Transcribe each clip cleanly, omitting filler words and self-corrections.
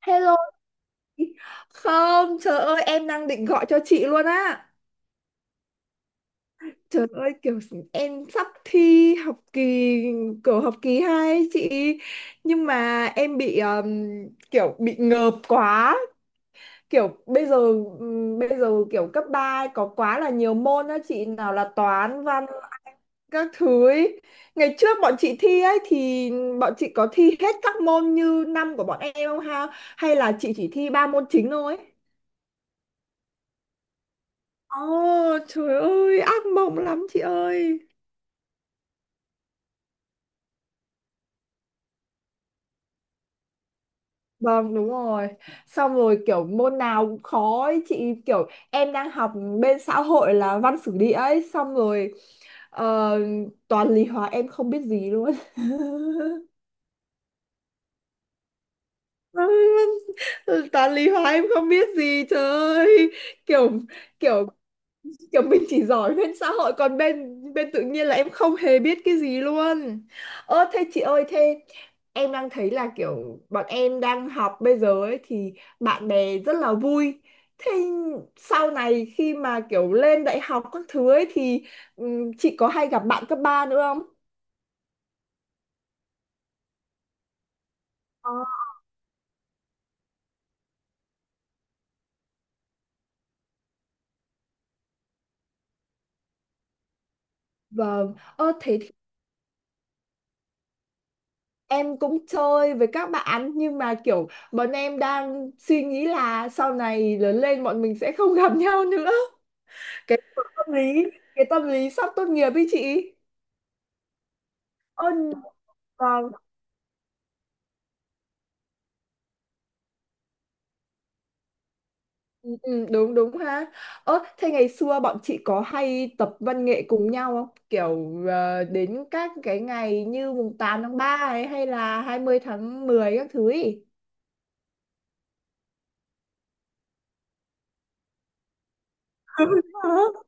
Hello chị. Không, trời ơi em đang định gọi cho chị luôn á. Trời ơi, kiểu em sắp thi học kỳ, kiểu học kỳ 2 ấy chị. Nhưng mà em bị kiểu bị ngợp quá. Kiểu bây giờ kiểu cấp 3 ấy có quá là nhiều môn á chị, nào là toán, văn, các thứ ấy. Ngày trước bọn chị thi ấy thì bọn chị có thi hết các môn như năm của bọn em không ha? Hay là chị chỉ thi ba môn chính thôi? Ồ, trời ơi, ác mộng lắm chị ơi. Vâng, đúng rồi. Xong rồi kiểu môn nào cũng khó ấy. Chị, kiểu em đang học bên xã hội là văn sử địa ấy. Xong rồi ờ, toàn lý hóa em không biết gì luôn Ôi, toàn lý hóa em không biết gì, trời ơi. Kiểu kiểu kiểu mình chỉ giỏi bên xã hội, còn bên bên tự nhiên là em không hề biết cái gì luôn. Ơ thế chị ơi, thế em đang thấy là kiểu bọn em đang học bây giờ ấy thì bạn bè rất là vui. Thế sau này khi mà kiểu lên đại học các thứ ấy thì chị có hay gặp bạn cấp 3 nữa không? Ờ. Vâng, ơ thế thì em cũng chơi với các bạn, nhưng mà kiểu bọn em đang suy nghĩ là sau này lớn lên bọn mình sẽ không gặp nhau nữa. Tâm lý cái tâm lý sắp tốt nghiệp ý chị. Ôi, vâng. Ừ, ừ, đúng đúng ha. Ơ thế ngày xưa bọn chị có hay tập văn nghệ cùng nhau không, kiểu đến các cái ngày như mùng 8 tháng 3 ấy hay là 20 tháng 10 các thứ ý?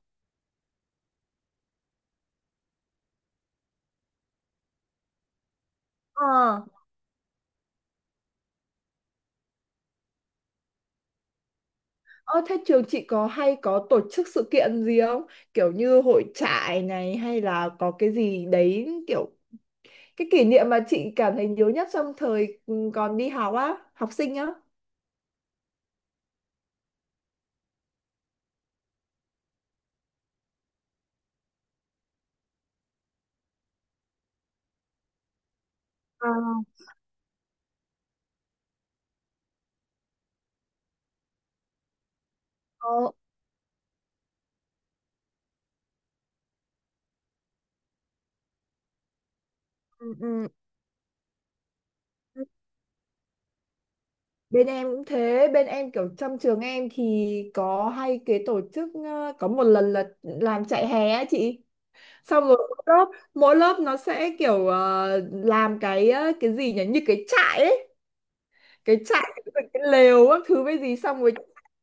Ờ. Ơ thế trường chị có hay có tổ chức sự kiện gì không, kiểu như hội trại này hay là có cái gì đấy, kiểu cái kỷ niệm mà chị cảm thấy nhớ nhất trong thời còn đi học á, học sinh á? Ờ, ừ, ừ. Ừ. Bên em cũng thế, bên em kiểu trong trường em thì có hay cái tổ chức có một lần là làm chạy hè á chị. Xong rồi mỗi lớp nó sẽ kiểu làm cái gì nhỉ, như cái trại ấy, cái trại cái lều các thứ với gì, xong rồi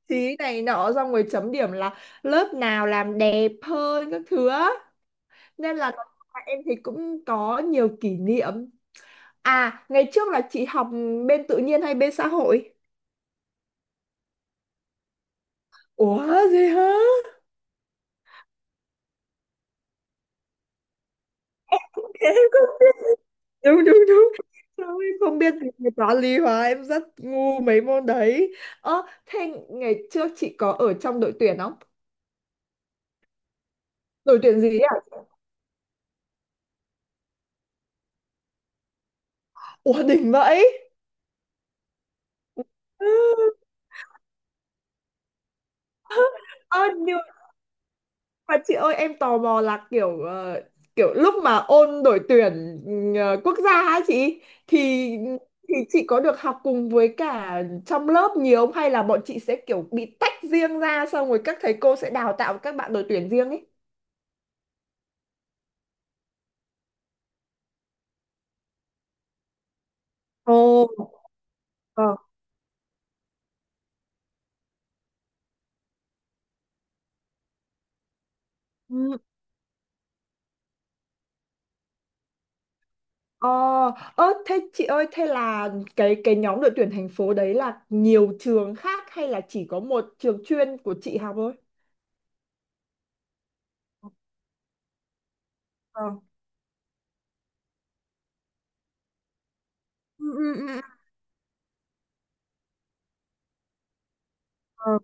trí này nọ xong rồi chấm điểm là lớp nào làm đẹp hơn các thứ á. Nên là em thì cũng có nhiều kỷ niệm. À, ngày trước là chị học bên tự nhiên hay bên xã hội? Ủa gì hả? Em có- Đúng đúng đúng. Sao em không biết gì về toán lý hóa, em rất ngu mấy môn đấy. Ơ, thế ngày trước chị có ở trong đội tuyển không? Đội tuyển gì ấy à? Ủa đỉnh vậy. Ừ. Ơ nhưng mà chị ơi, em tò mò là kiểu lúc mà ôn đội tuyển quốc gia á chị, thì thì chị có được học cùng với cả trong lớp nhiều không, hay là bọn chị sẽ kiểu bị tách riêng ra xong rồi các thầy cô sẽ đào tạo các bạn đội tuyển riêng ấy? Ồ. Ờ. Ừ. Ờ. Ơ, thế chị ơi, thế là cái nhóm đội tuyển thành phố đấy là nhiều trường khác hay là chỉ có một trường chuyên của chị học thôi? Ờ. Ừ, ừ, ừ, ừ. Ờ,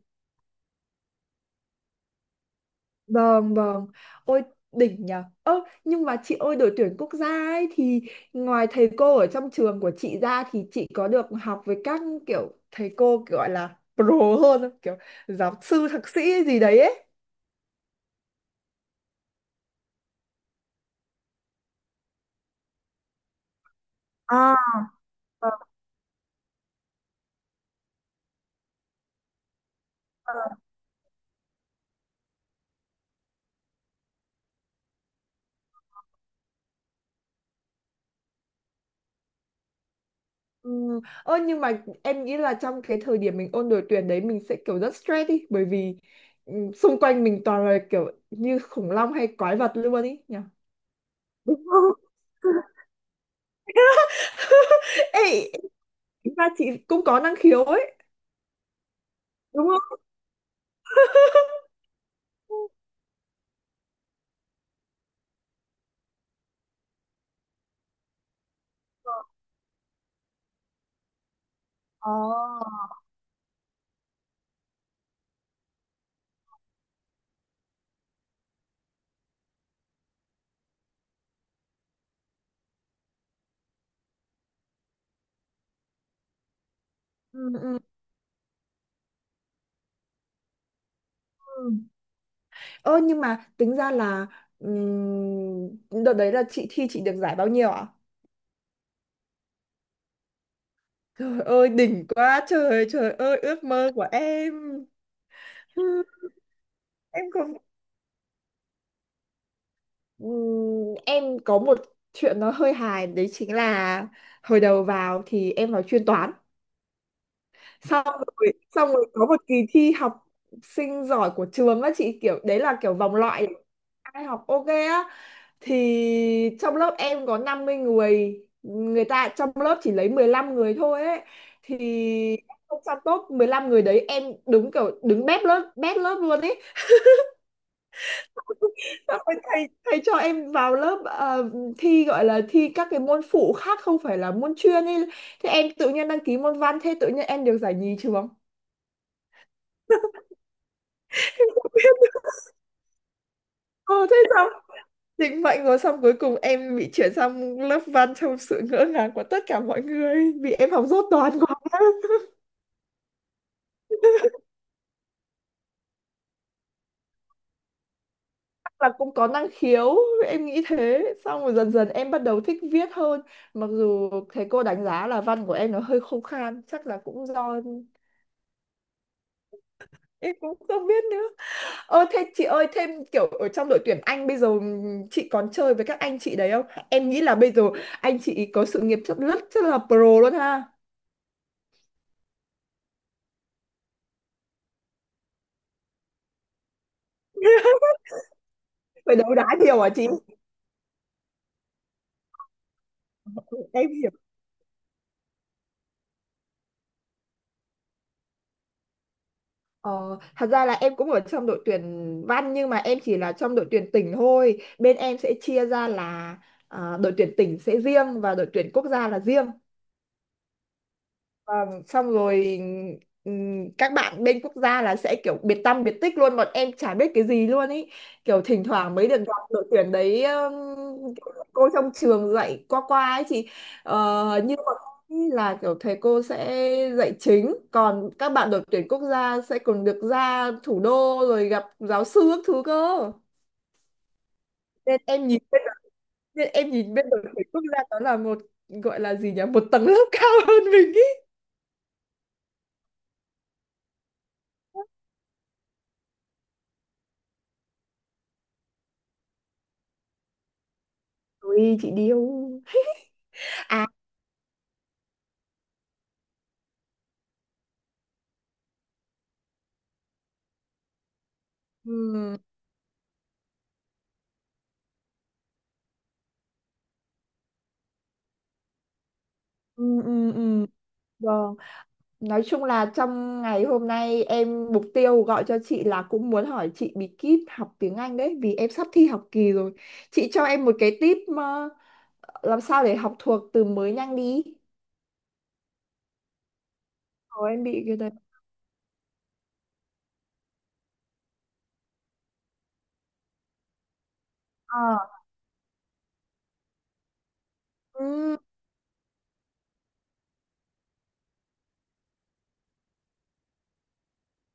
vâng vâng. Ôi, đỉnh nhờ. Ơ nhưng mà chị ơi, đội tuyển quốc gia ấy thì ngoài thầy cô ở trong trường của chị ra thì chị có được học với các kiểu thầy cô kiểu gọi là pro hơn không? Kiểu giáo sư thạc sĩ gì đấy ấy. Ờ. Ừ. Ơ nhưng mà em nghĩ là trong cái thời điểm mình ôn đội tuyển đấy mình sẽ kiểu rất stress đi, bởi vì xung quanh mình toàn là kiểu như khủng long hay quái vật luôn ý nhỉ. Ê, tính ra chị cũng có năng khiếu ấy, đúng không? Ồ. Ừ, ừ, ừ. Ơ nhưng mà tính ra là đợt đấy là chị thi chị được giải bao nhiêu ạ? Trời ơi đỉnh quá trời, trời ơi ước mơ của em. Ừ. Em có em có một chuyện nó hơi hài đấy, chính là hồi đầu vào thì em vào chuyên toán, xong xong rồi có một kỳ thi học sinh giỏi của trường á chị, kiểu đấy là kiểu vòng loại ai học ok á, thì trong lớp em có 50 người, người ta trong lớp chỉ lấy 15 người thôi ấy, thì trong top 15 người đấy em đúng kiểu đứng bét lớp, bét lớp luôn ấy. Xong rồi thầy thầy cho em vào lớp thi, gọi là thi các cái môn phụ khác không phải là môn chuyên ấy. Thế em tự nhiên đăng ký môn văn, thế tự nhiên em được giải nhì trường. Ờ thế sao? Định mệnh rồi, xong cuối cùng em bị chuyển sang lớp văn trong sự ngỡ ngàng của tất cả mọi người vì em học dốt toán quá. Là cũng có năng khiếu, em nghĩ thế, xong rồi dần dần em bắt đầu thích viết hơn, mặc dù thầy cô đánh giá là văn của em nó hơi khô khan, chắc là cũng do em cũng không biết nữa. Ơ thế chị ơi, thêm kiểu ở trong đội tuyển Anh bây giờ chị còn chơi với các anh chị đấy không? Em nghĩ là bây giờ anh chị có sự nghiệp rất rất rất là pro luôn ha. Phải đấu đá nhiều hả chị? Em hiểu. Ờ, thật ra là em cũng ở trong đội tuyển văn nhưng mà em chỉ là trong đội tuyển tỉnh thôi. Bên em sẽ chia ra là, à, đội tuyển tỉnh sẽ riêng và đội tuyển quốc gia là riêng. Vâng, xong rồi các bạn bên quốc gia là sẽ kiểu biệt tăm biệt tích luôn, bọn em chả biết cái gì luôn ý, kiểu thỉnh thoảng mới được gặp đội tuyển đấy cô trong trường dạy qua qua ấy chị. Ờ, như bọn em ý là kiểu thầy cô sẽ dạy chính, còn các bạn đội tuyển quốc gia sẽ còn được ra thủ đô rồi gặp giáo sư các thứ cơ. Nên em nhìn bên nên em nhìn bên đội tuyển quốc gia đó là một, gọi là gì nhỉ, một tầng lớp cao hơn mình ý. Ui, chị điêu. À. Ừ, ừ, ừ, ừ. Vâng. Nói chung là trong ngày hôm nay em mục tiêu gọi cho chị là cũng muốn hỏi chị bí kíp học tiếng Anh đấy, vì em sắp thi học kỳ rồi. Chị cho em một cái tip mà làm sao để học thuộc từ mới nhanh đi. Ồ, em bị cái đấy. Ờ. Ừ.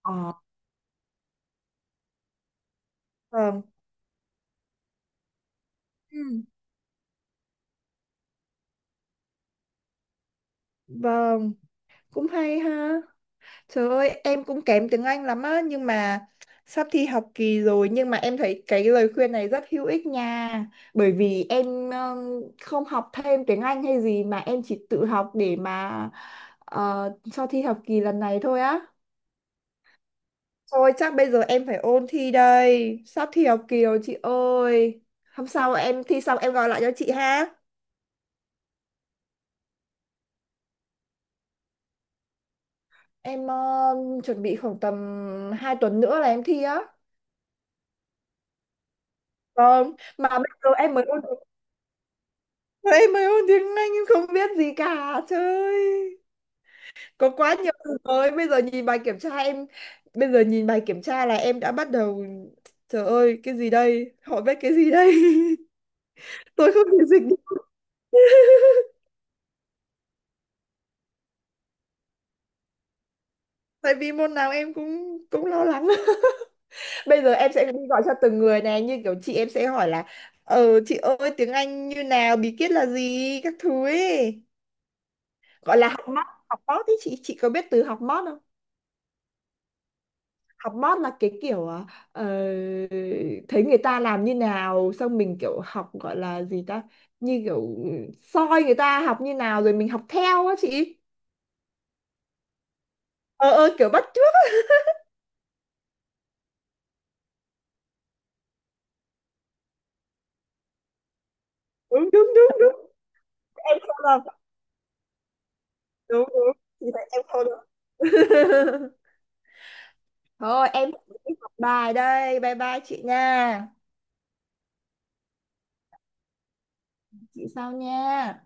Ờ. Vâng. Ừ. Vâng. Cũng hay ha. Trời ơi, em cũng kém tiếng Anh lắm á, nhưng mà sắp thi học kỳ rồi, nhưng mà em thấy cái lời khuyên này rất hữu ích nha. Bởi vì em không học thêm tiếng Anh hay gì mà em chỉ tự học để mà ờ, cho thi học kỳ lần này thôi á. Thôi chắc bây giờ em phải ôn thi đây, sắp thi học kỳ rồi chị ơi. Hôm sau em thi xong em gọi lại cho chị ha. Em chuẩn bị khoảng tầm 2 tuần nữa là em thi á. Vâng, mà bây giờ em mới ôn. Đây mấy môn tiếng Anh em không biết gì cả, trời ơi. Có quá nhiều từ mới. Bây giờ nhìn bài kiểm tra là em đã bắt đầu. Trời ơi cái gì đây, họ viết cái gì đây? Tôi không thể dịch được. Tại vì môn nào em cũng cũng lo lắng. Bây giờ em sẽ đi gọi cho từng người này. Như kiểu chị, em sẽ hỏi là: Ờ chị ơi, tiếng Anh như nào, bí quyết là gì các thứ ấy. Gọi là học mót. Học mót ý chị. Chị có biết từ học mót không? Học mót là cái kiểu, ờ, thấy người ta làm như nào xong mình kiểu học, gọi là gì ta, như kiểu soi người ta học như nào rồi mình học theo á chị. Ờ ờ, kiểu bắt chước. Đúng đúng đúng. Em không làm. Đúng đúng thì tại em không được. Thôi em phải đi học bài đây, bye bye chị nha. Chị sau nha.